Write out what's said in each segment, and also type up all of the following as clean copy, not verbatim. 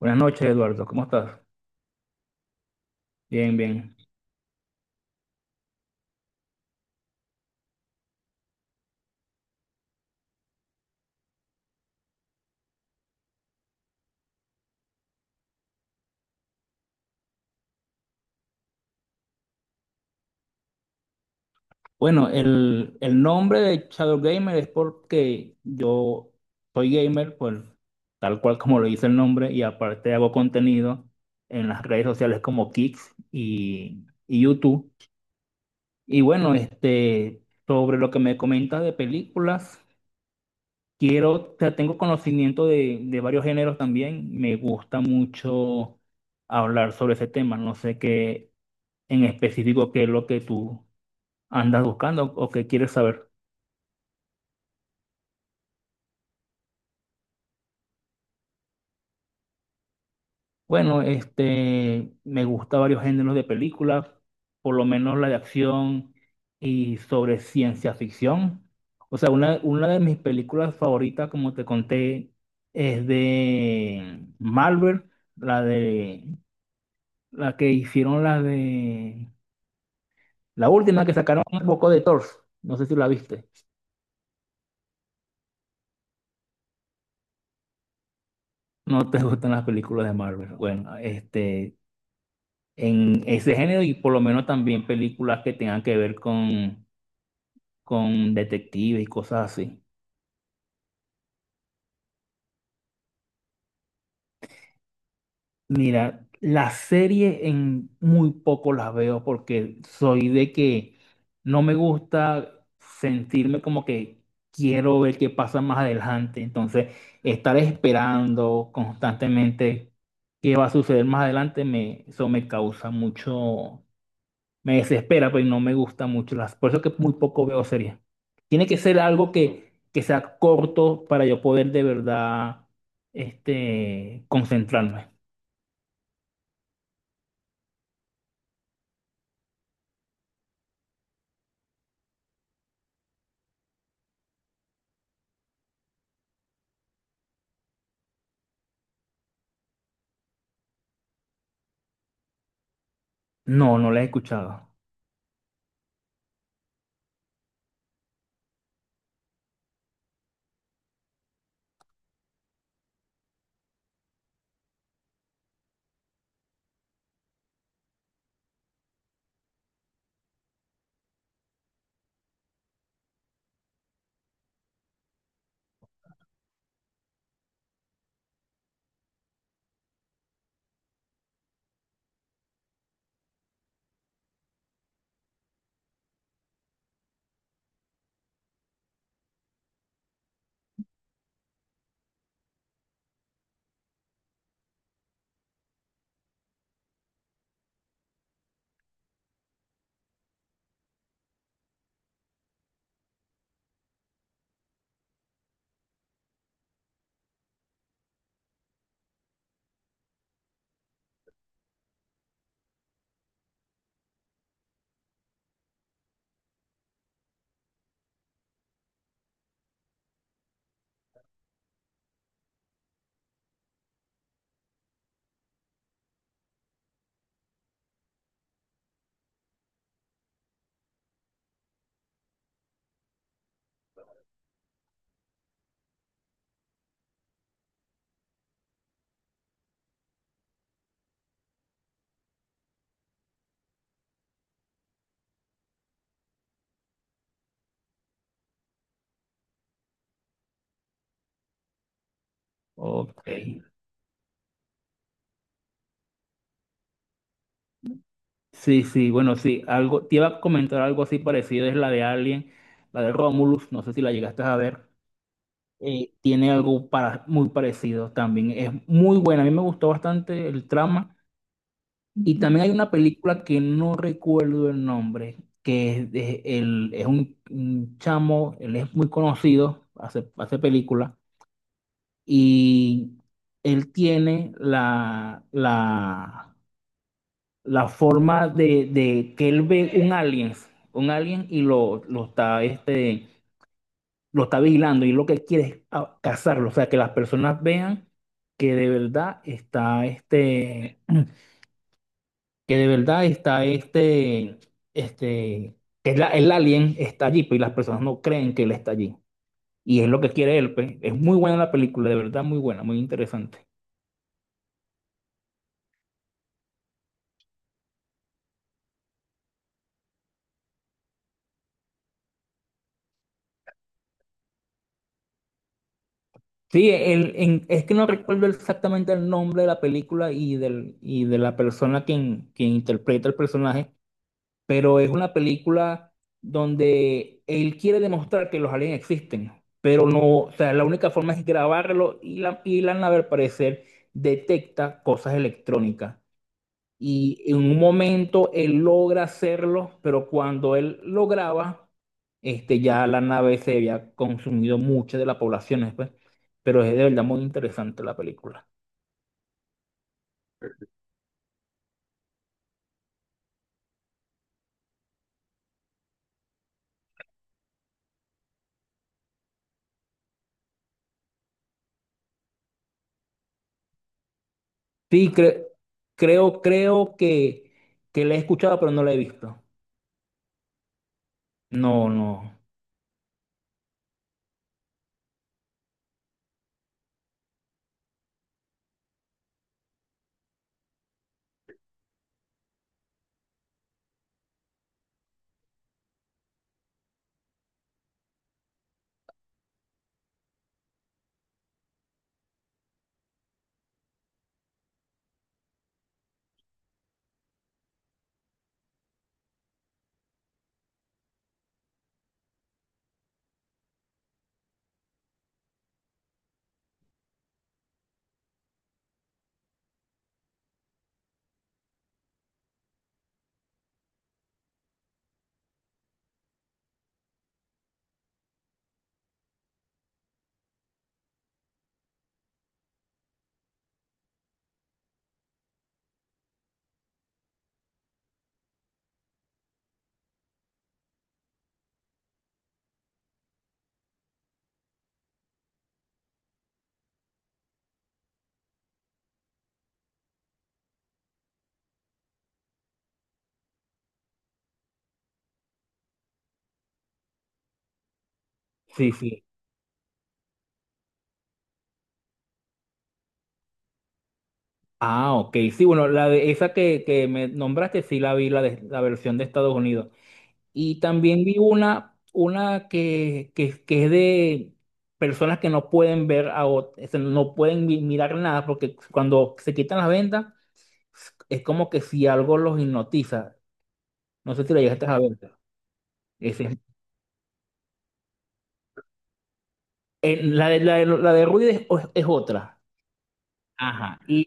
Buenas noches, Eduardo. ¿Cómo estás? Bien, bien. Bueno, el nombre de Shadow Gamer es porque yo soy gamer, pues, tal cual como lo dice el nombre, y aparte hago contenido en las redes sociales como Kicks y YouTube. Y bueno, sobre lo que me comentas de películas, quiero, o sea, tengo conocimiento de varios géneros también. Me gusta mucho hablar sobre ese tema. No sé qué en específico qué es lo que tú, ¿andas buscando o qué quieres saber? Bueno, este, me gusta varios géneros de películas, por lo menos la de acción y sobre ciencia ficción. O sea, una de mis películas favoritas, como te conté, es de Marvel, la de la que hicieron, la de la última que sacaron un poco de Thor. No sé si la viste. No te gustan las películas de Marvel. Bueno, este, en ese género y por lo menos también películas que tengan que ver con detectives y cosas así. Mira, las series en muy poco las veo porque soy de que no me gusta sentirme como que quiero ver qué pasa más adelante. Entonces, estar esperando constantemente qué va a suceder más adelante me, eso me causa mucho. Me desespera, pero no me gustan mucho las. Por eso que muy poco veo series. Tiene que ser algo que sea corto para yo poder de verdad, este, concentrarme. No, no la he escuchado. Ok. Sí, sí, bueno, sí. Algo, te iba a comentar algo así parecido, es la de Alien, la de Romulus, no sé si la llegaste a ver. Tiene algo para, muy parecido también. Es muy buena. A mí me gustó bastante el trama. Y también hay una película que no recuerdo el nombre, que es, es un chamo, él es muy conocido, hace, hace películas, y él tiene la forma de que él ve un alien y lo está, este, lo está vigilando y lo que quiere es a- cazarlo, o sea, que las personas vean que de verdad está este... que de verdad está este, que es la- el alien está allí, pero las personas no creen que él está allí. Y es lo que quiere él, pues. Es muy buena la película, de verdad, muy buena, muy interesante. Sí, el, en- es que no recuerdo exactamente el nombre de la película y, del, y de la persona quien, quien interpreta el personaje, pero es una película donde él quiere demostrar que los aliens existen, pero no, o sea, la única forma es grabarlo y la nave al parecer detecta cosas electrónicas. Y en un momento él logra hacerlo, pero cuando él lograba, este, ya la nave se había consumido mucha de la población, ¿no? Pues. Pero es de verdad muy interesante la película. Sí, creo, creo que la he escuchado, pero no la he visto. No, no. Sí, sí. Ah, ok. Sí, bueno, la de esa que me nombraste, sí la vi, la, de, la versión de Estados Unidos. Y también vi una que es de personas que no pueden ver a otras, no pueden mi- mirar nada, porque cuando se quitan las vendas, es como que si algo los hipnotiza. No sé si la llegaste a ver. Ese es- la de, la de, la de Ruiz es otra. Ajá. Y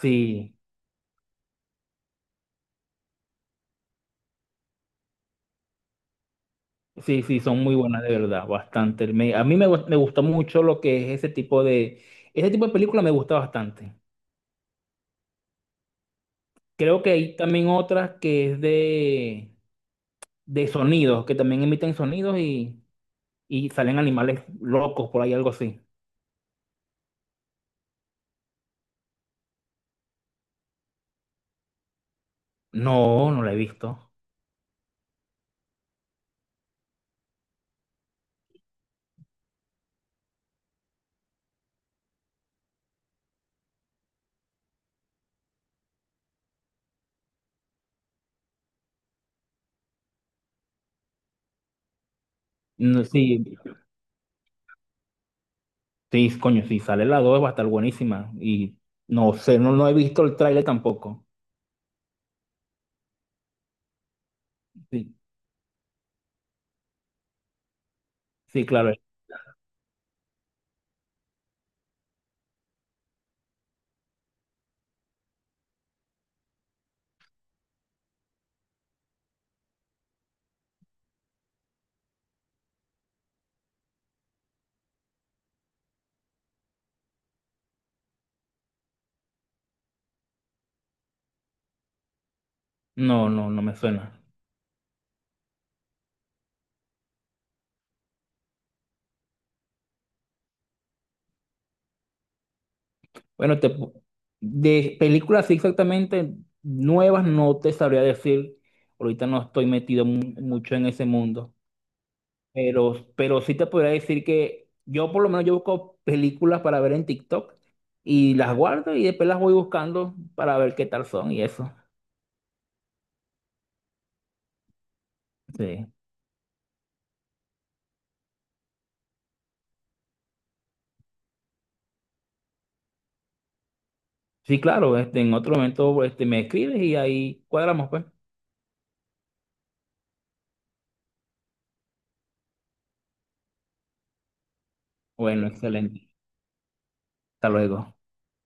sí, sí, sí, son muy buenas de verdad, bastante. Me- a mí me, gu- me gustó mucho lo que es ese tipo de película me gusta bastante. Creo que hay también otras que es de sonidos, que también emiten sonidos y salen animales locos por ahí, algo así. No, no la he visto. No, sí, sí, coño, si sale la 2 va a estar buenísima. Y no sé, no, no he visto el tráiler tampoco. Sí, sí, claro. No, no, no me suena. Bueno, te, de películas sí, exactamente nuevas no te sabría decir. Ahorita no estoy metido mucho en ese mundo. Pero sí te podría decir que yo por lo menos yo busco películas para ver en TikTok y las guardo y después las voy buscando para ver qué tal son y eso. Sí, sí, claro, este, en otro momento, este, me escribes y ahí cuadramos, pues. Bueno, excelente. Hasta luego.